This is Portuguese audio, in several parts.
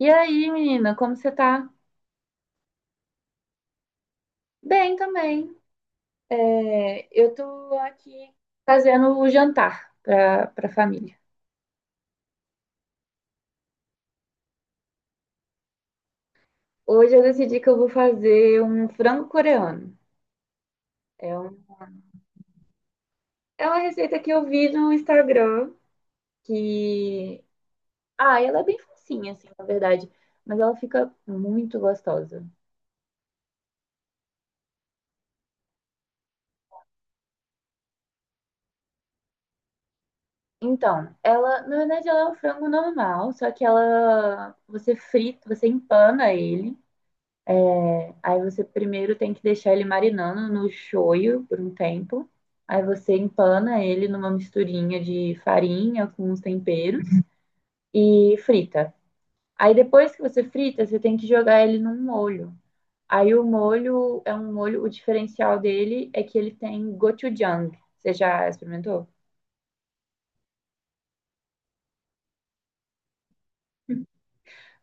E aí, menina, como você tá? Bem também. Eu tô aqui fazendo o jantar pra família. Hoje eu decidi que eu vou fazer um frango coreano. É, um- é uma receita que eu vi no Instagram que... Ah, ela é bem facinha, assim, na verdade. Mas ela fica muito gostosa. Então, ela, na verdade, ela é um frango normal, só que ela, você frita, você empana ele. Aí você primeiro tem que deixar ele marinando no shoyu por um tempo. Aí você empana ele numa misturinha de farinha com uns temperos e frita. Aí depois que você frita, você tem que jogar ele num molho. Aí o molho é um molho, o diferencial dele é que ele tem gochujang. Você já experimentou?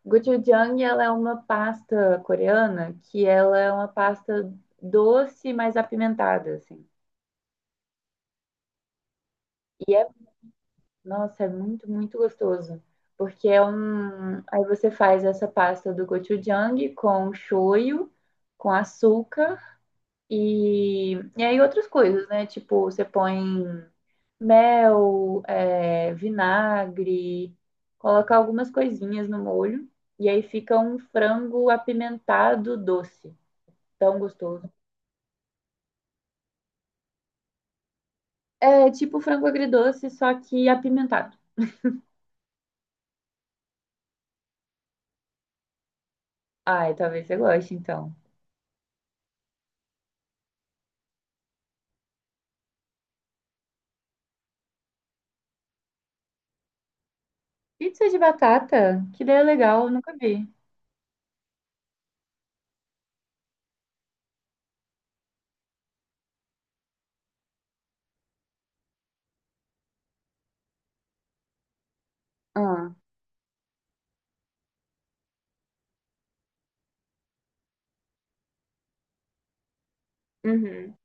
Gochujang, ela é uma pasta coreana que ela é uma pasta doce, mas apimentada, assim. E é. Nossa, é muito, muito gostoso. Porque é um. Aí você faz essa pasta do gochujang com shoyu, com açúcar e aí outras coisas, né? Tipo, você põe mel, vinagre, coloca algumas coisinhas no molho. E aí fica um frango apimentado doce. Tão gostoso. É tipo frango agridoce, só que apimentado. Ai, talvez você goste, então. Pizza de batata? Que ideia legal, nunca vi. Ah, uhum,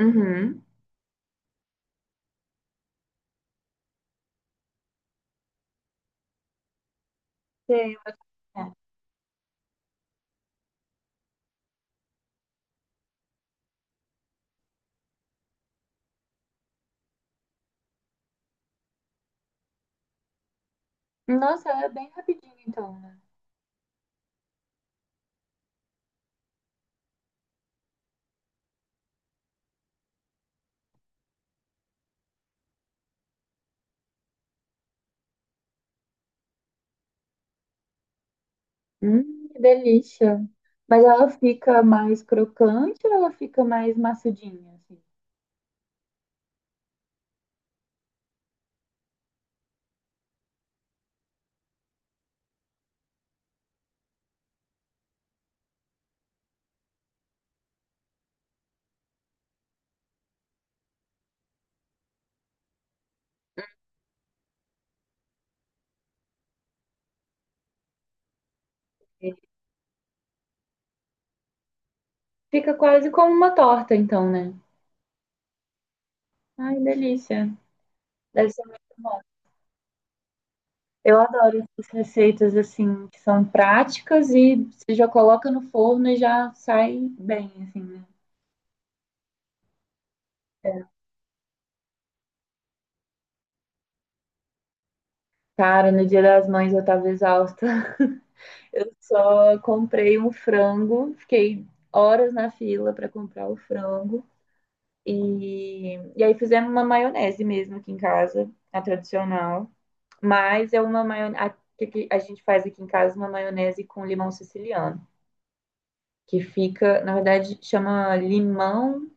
uhum. Sei, mas é. Nossa, ela é bem rapidinho então, né? Que delícia. Mas ela fica mais crocante ou ela fica mais maçudinha, assim? Fica quase como uma torta, então, né? Ai, delícia. Deve ser muito bom. Eu adoro essas receitas assim, que são práticas e você já coloca no forno e já sai bem, assim, né? Cara, no Dia das Mães eu tava exausta. Eu só comprei um frango, fiquei horas na fila para comprar o frango. E aí fizemos uma maionese mesmo aqui em casa, a tradicional. Mas é uma maionese. A gente faz aqui em casa uma maionese com limão siciliano. Que fica, na verdade, chama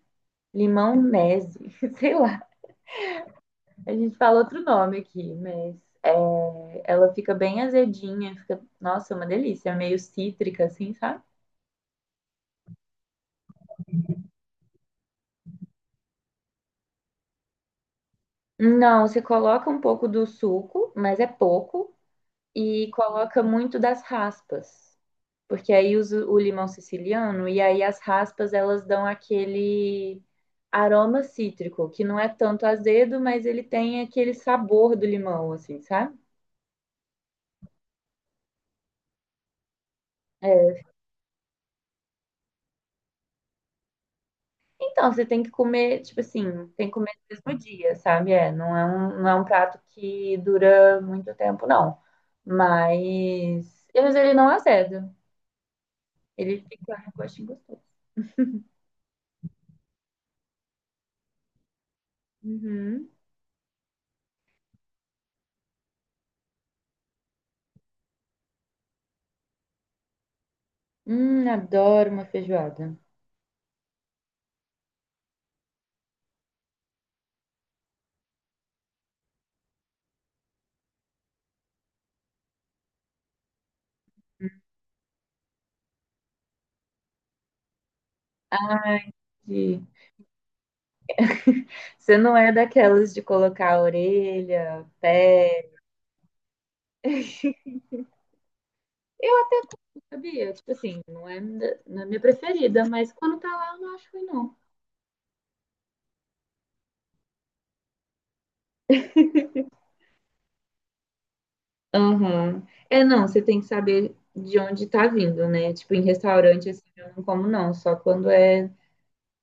limão-nese, sei lá. A gente fala outro nome aqui, mas é, ela fica bem azedinha, fica, nossa, uma delícia, meio cítrica, assim, sabe? Não, se coloca um pouco do suco, mas é pouco, e coloca muito das raspas, porque aí usa o limão siciliano e aí as raspas elas dão aquele aroma cítrico, que não é tanto azedo, mas ele tem aquele sabor do limão, assim, sabe? É. Então, você tem que comer, tipo assim, tem que comer no mesmo dia, sabe? É, não é não é um prato que dura muito tempo, não. Mas ele não azeda. Ele fica com gostinho gostoso. Uhum. Adoro uma feijoada. E você não é daquelas de colocar a orelha, pé. Sabia? Tipo assim, não é, não é minha preferida, mas quando tá lá, eu não acho ruim, não. Aham. É, não, você tem que saber de onde tá vindo, né? Tipo, em restaurante, assim, eu não como, não. Só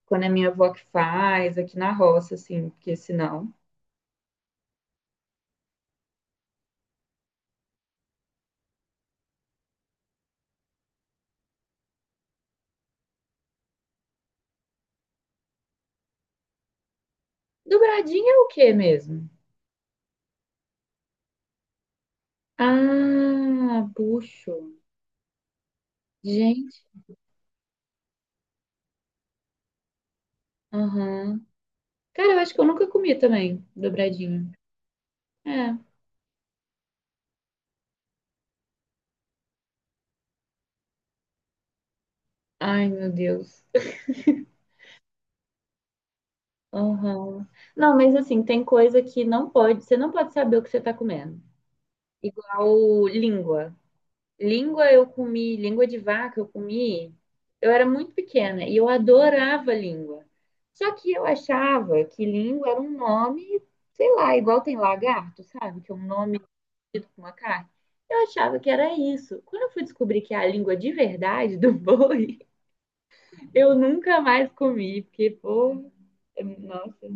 quando é minha avó que faz, aqui na roça, assim, porque senão. Dobradinha é o quê mesmo? Ah, puxo. Gente, aham. Cara, eu acho que eu nunca comi também, dobradinho. É. Ai, meu Deus. Aham. Não, mas assim, tem coisa que não pode, você não pode saber o que você tá comendo. Igual língua. Língua eu comi, língua de vaca eu comi. Eu era muito pequena e eu adorava língua. Só que eu achava que língua era um nome, sei lá, igual tem lagarto, sabe? Que é um nome parecido com uma carne. Eu achava que era isso. Quando eu fui descobrir que é a língua de verdade do boi, eu nunca mais comi, porque, nossa.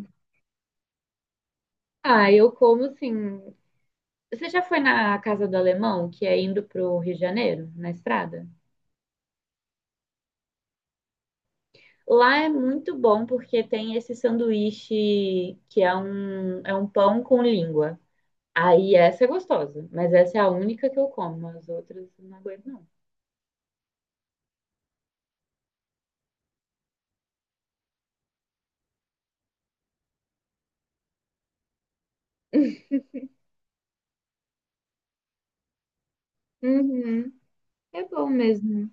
Ah, eu como assim. Você já foi na Casa do Alemão, que é indo pro Rio de Janeiro, na estrada? Lá é muito bom porque tem esse sanduíche que é é um pão com língua. Aí essa é gostosa, mas essa é a única que eu como, as outras eu não aguento, não. Uhum. É bom mesmo.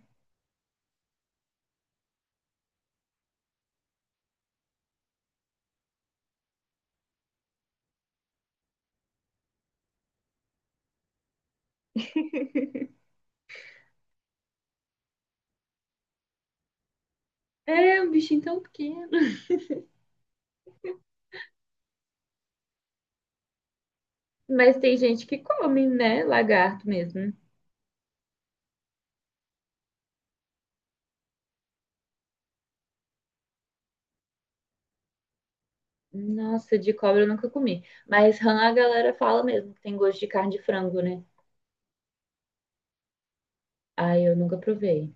É um bichinho tão pequeno. Mas tem gente que come, né? Lagarto mesmo. Nossa, de cobra eu nunca comi. Mas rã a galera fala mesmo que tem gosto de carne de frango, né? Ai, eu nunca provei.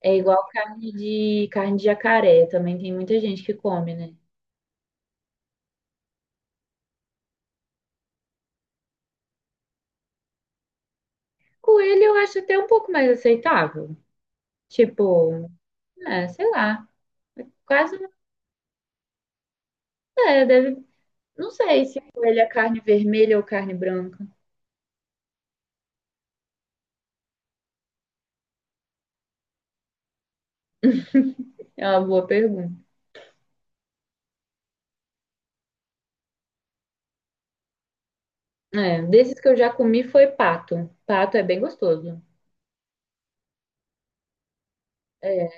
É igual carne de jacaré, também tem muita gente que come, né? Coelho eu acho até um pouco mais aceitável. Tipo, é, sei lá, quase não é, deve, não sei se coelho é carne vermelha ou carne branca. É uma boa pergunta. É, desses que eu já comi foi pato. Pato é bem gostoso. É,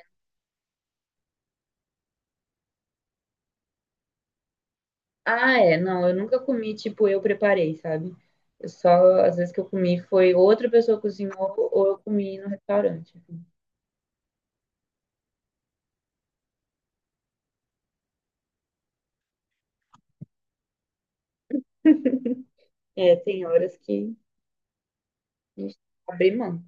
ah, é, não, eu nunca comi, tipo, eu preparei, sabe? Eu só, às vezes que eu comi foi outra pessoa cozinhou ou eu comi no restaurante. É, tem horas que a gente abre mão.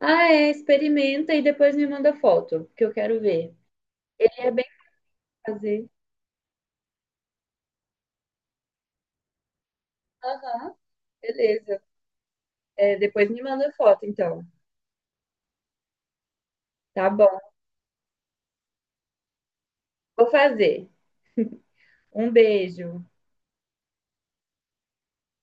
Ah, é, experimenta e depois me manda foto, que eu quero ver. É bem fazer. Aham, beleza. É, depois me manda foto, então. Tá bom, vou fazer. Um beijo.